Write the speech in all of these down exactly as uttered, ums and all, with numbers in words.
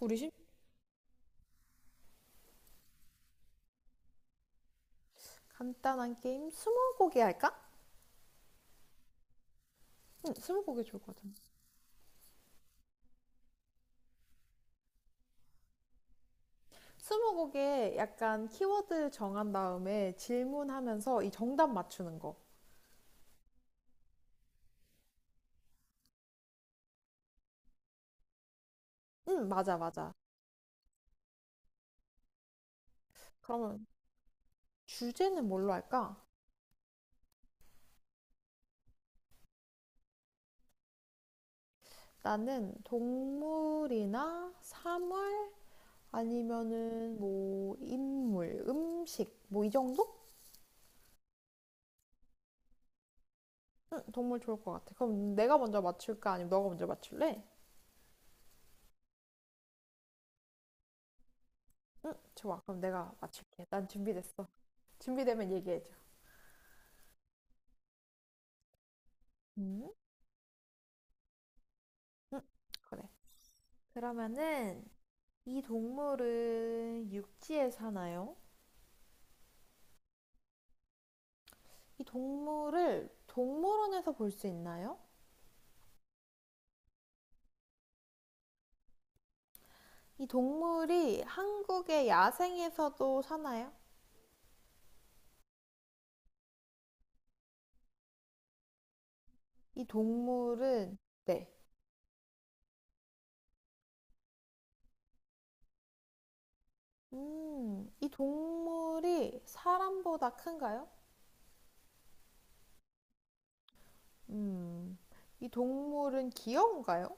우리 심 간단한 게임 스무고개 할까? 응, 스무고개 좋을 것 같아. 스무고개 약간 키워드 정한 다음에 질문하면서 이 정답 맞추는 거. 응, 맞아, 맞아. 그러면 주제는 뭘로 할까? 나는 동물이나 사물 아니면은 뭐 인물, 음식 뭐 이 정도? 응, 동물 좋을 것 같아. 그럼 내가 먼저 맞출까? 아니면 너가 먼저 맞출래? 응, 좋아. 그럼 내가 맞출게. 난 준비됐어. 준비되면 얘기해줘. 음? 음, 그래. 그러면은 이 동물은 육지에 사나요? 이 동물을 동물원에서 볼 수 있나요? 이 동물이 한국의 야생에서도 사나요? 이 동물은 네. 음, 이 동물이 사람보다 큰가요? 음, 이 동물은 귀여운가요?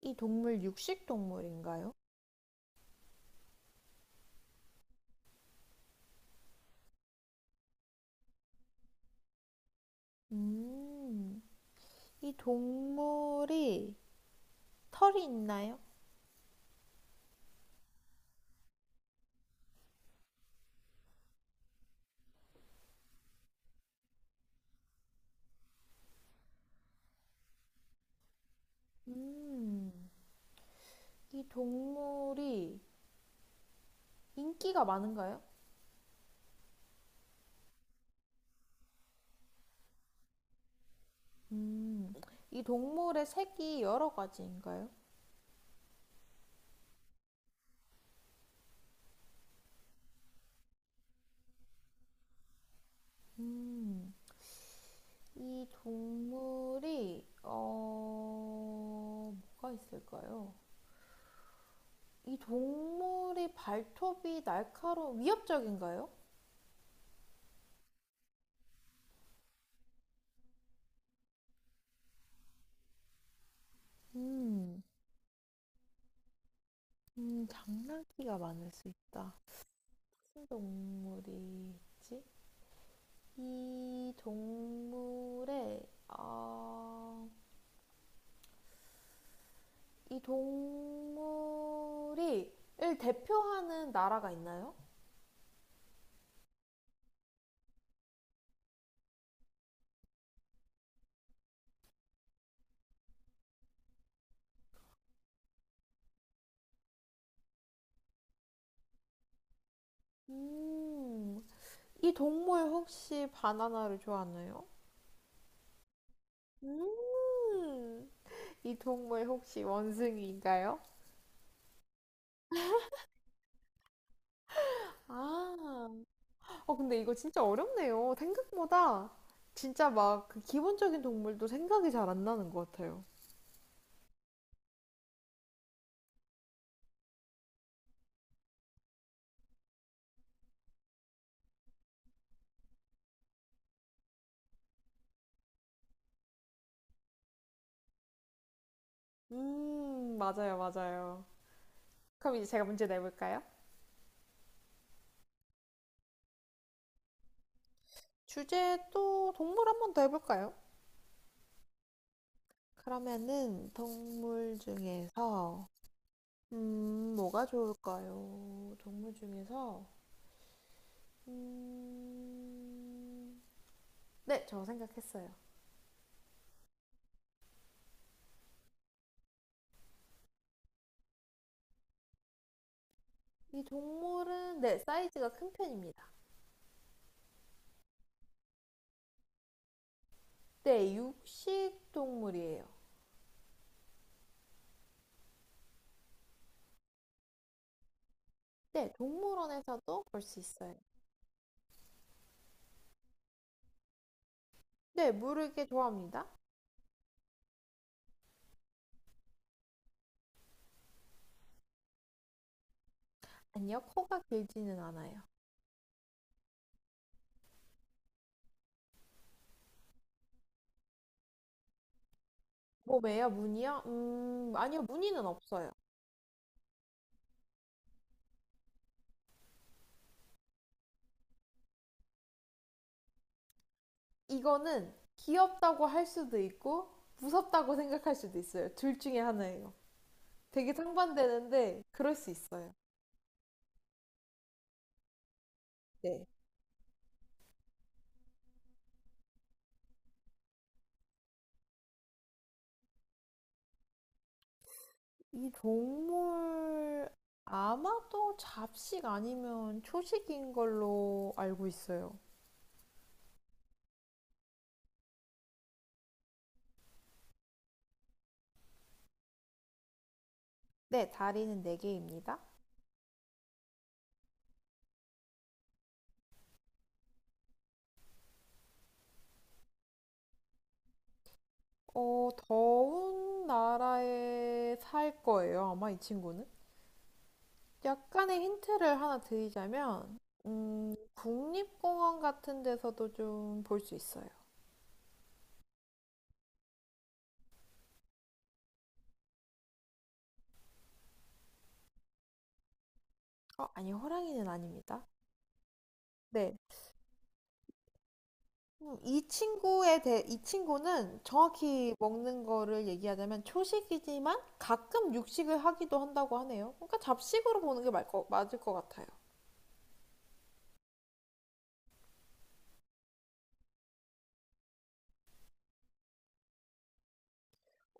이 동물 육식 동물인가요? 음, 이 동물이 털이 있나요? 음. 이 동물이 인기가 많은가요? 음, 이 동물의 색이 여러 가지인가요? 음, 이 동물이, 어, 뭐가 있을까요? 이 동물이 발톱이 날카로운, 위협적인가요? 음, 음, 장난기가 많을 수 있다. 무슨 동물이지? 이 동물의, 어... 이 동물이 을 대표하는 나라가 있나요? 음, 이 동물 혹시 바나나를 좋아하나요? 음, 이 동물 혹시 원숭이인가요? 아, 어, 근데 이거 진짜 어렵네요. 생각보다 진짜 막 그 기본적인 동물도 생각이 잘 안 나는 것 같아요. 음, 맞아요, 맞아요. 그럼 이제 제가 문제 내볼까요? 주제 또 동물 한번 더 해볼까요? 그러면은 동물 중에서 음, 뭐가 좋을까요? 동물 중에서 음, 네, 저 생각했어요. 이 동물은 네, 사이즈가 큰 편입니다. 네, 육식 동물이에요. 네, 동물원에서도 볼 수 있어요. 네, 물을 꽤 좋아합니다. 아니요, 코가 길지는 않아요. 몸에요? 무늬요? 음, 아니요, 무늬는 없어요. 이거는 귀엽다고 할 수도 있고 무섭다고 생각할 수도 있어요. 둘 중에 하나예요. 되게 상반되는데 그럴 수 있어요. 네. 이 동물 아마도 잡식 아니면 초식인 걸로 알고 있어요. 네, 다리는 네 개입니다. 어, 더운 나라에 살 거예요, 아마 이 친구는. 약간의 힌트를 하나 드리자면, 음, 국립공원 같은 데서도 좀 볼 수 있어요. 어, 아니, 호랑이는 아닙니다. 네. 음, 이 친구에 대해, 이 친구는 정확히 먹는 거를 얘기하자면 초식이지만 가끔 육식을 하기도 한다고 하네요. 그러니까 잡식으로 보는 게 말 거- 맞을 것 같아요.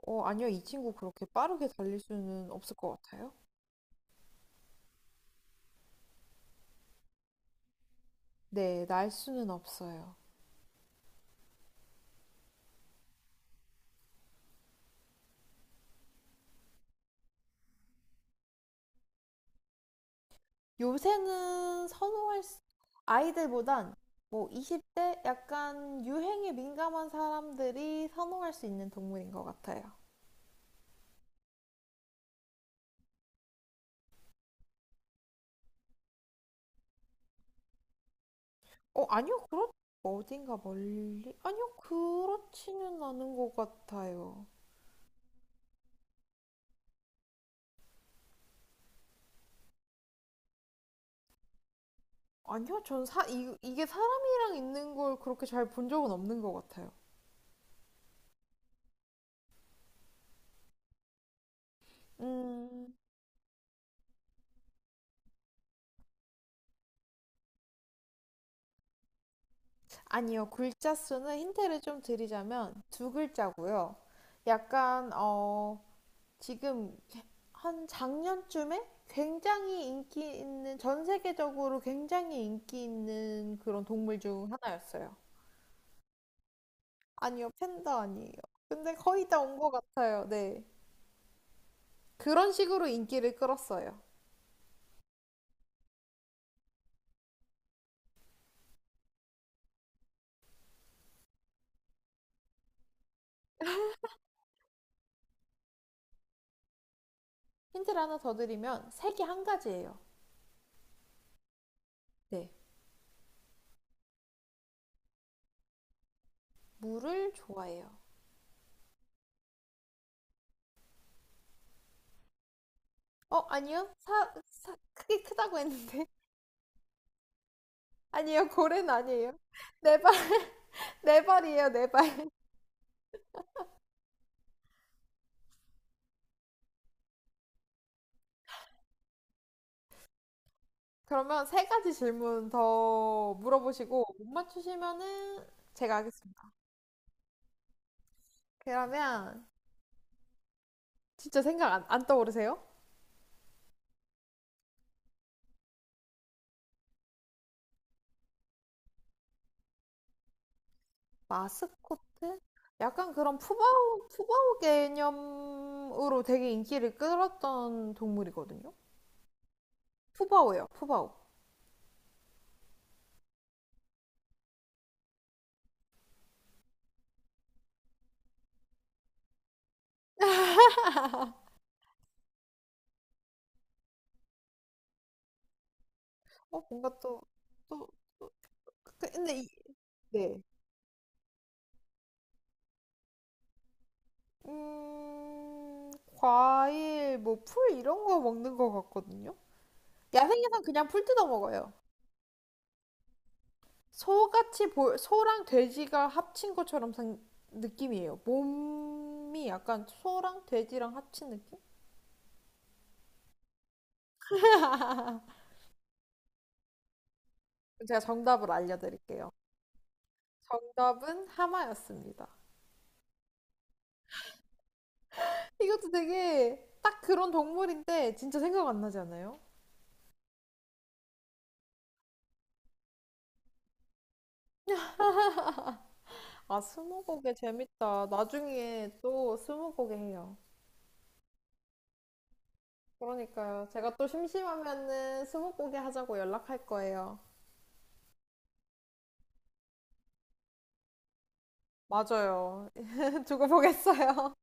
어, 아니요. 이 친구 그렇게 빠르게 달릴 수는 없을 것 같아요. 네, 날 수는 없어요. 요새는 선호할 수, 아이들보단 뭐 이십 대 약간 유행에 민감한 사람들이 선호할 수 있는 동물인 것 같아요. 어, 아니요, 그렇, 어딘가 멀리? 아니요, 그렇지는 않은 것 같아요. 아니요, 전 사, 이, 이게 사람이랑 있는 걸 그렇게 잘 본 적은 없는 것 같아요. 음, 아니요, 글자 수는 힌트를 좀 드리자면 두 글자고요. 약간, 어, 지금 한 작년쯤에 굉장히 인기 있는, 전 세계적으로 굉장히 인기 있는 그런 동물 중 하나였어요. 아니요, 팬더 아니에요. 근데 거의 다 온 것 같아요. 네. 그런 식으로 인기를 끌었어요. 힌트를 하나 더 드리면 색이 한 가지예요. 네, 물을 좋아해요. 어, 아니요. 사, 사 크게 크다고 했는데. 아니요, 고래는 아니에요. 네 발, 네 발이에요, 네 발. 그러면 세 가지 질문 더 물어보시고 못 맞추시면은 제가 하겠습니다. 그러면 진짜 생각 안, 안 떠오르세요? 마스코트? 약간 그런 푸바오, 푸바오 개념으로 되게 인기를 끌었던 동물이거든요. 푸바오예요, 푸바오. 어, 뭔가 또, 또, 또 그- 근데, 이, 네. 음, 과일, 뭐, 풀 이런 거 먹는 거 같거든요? 야생에선 그냥 풀 뜯어 먹어요. 소같이, 보, 소랑 돼지가 합친 것처럼 생, 느낌이에요. 몸이 약간 소랑 돼지랑 합친 느낌? 제가 정답을 알려드릴게요. 정답은 하마였습니다. 이것도 되게 딱 그런 동물인데 진짜 생각 안 나지 않아요? 아, 스무고개 재밌다. 나중에 또 스무고개 해요. 그러니까요. 제가 또 심심하면은 스무고개 하자고 연락할 거예요. 맞아요. 두고 보겠어요.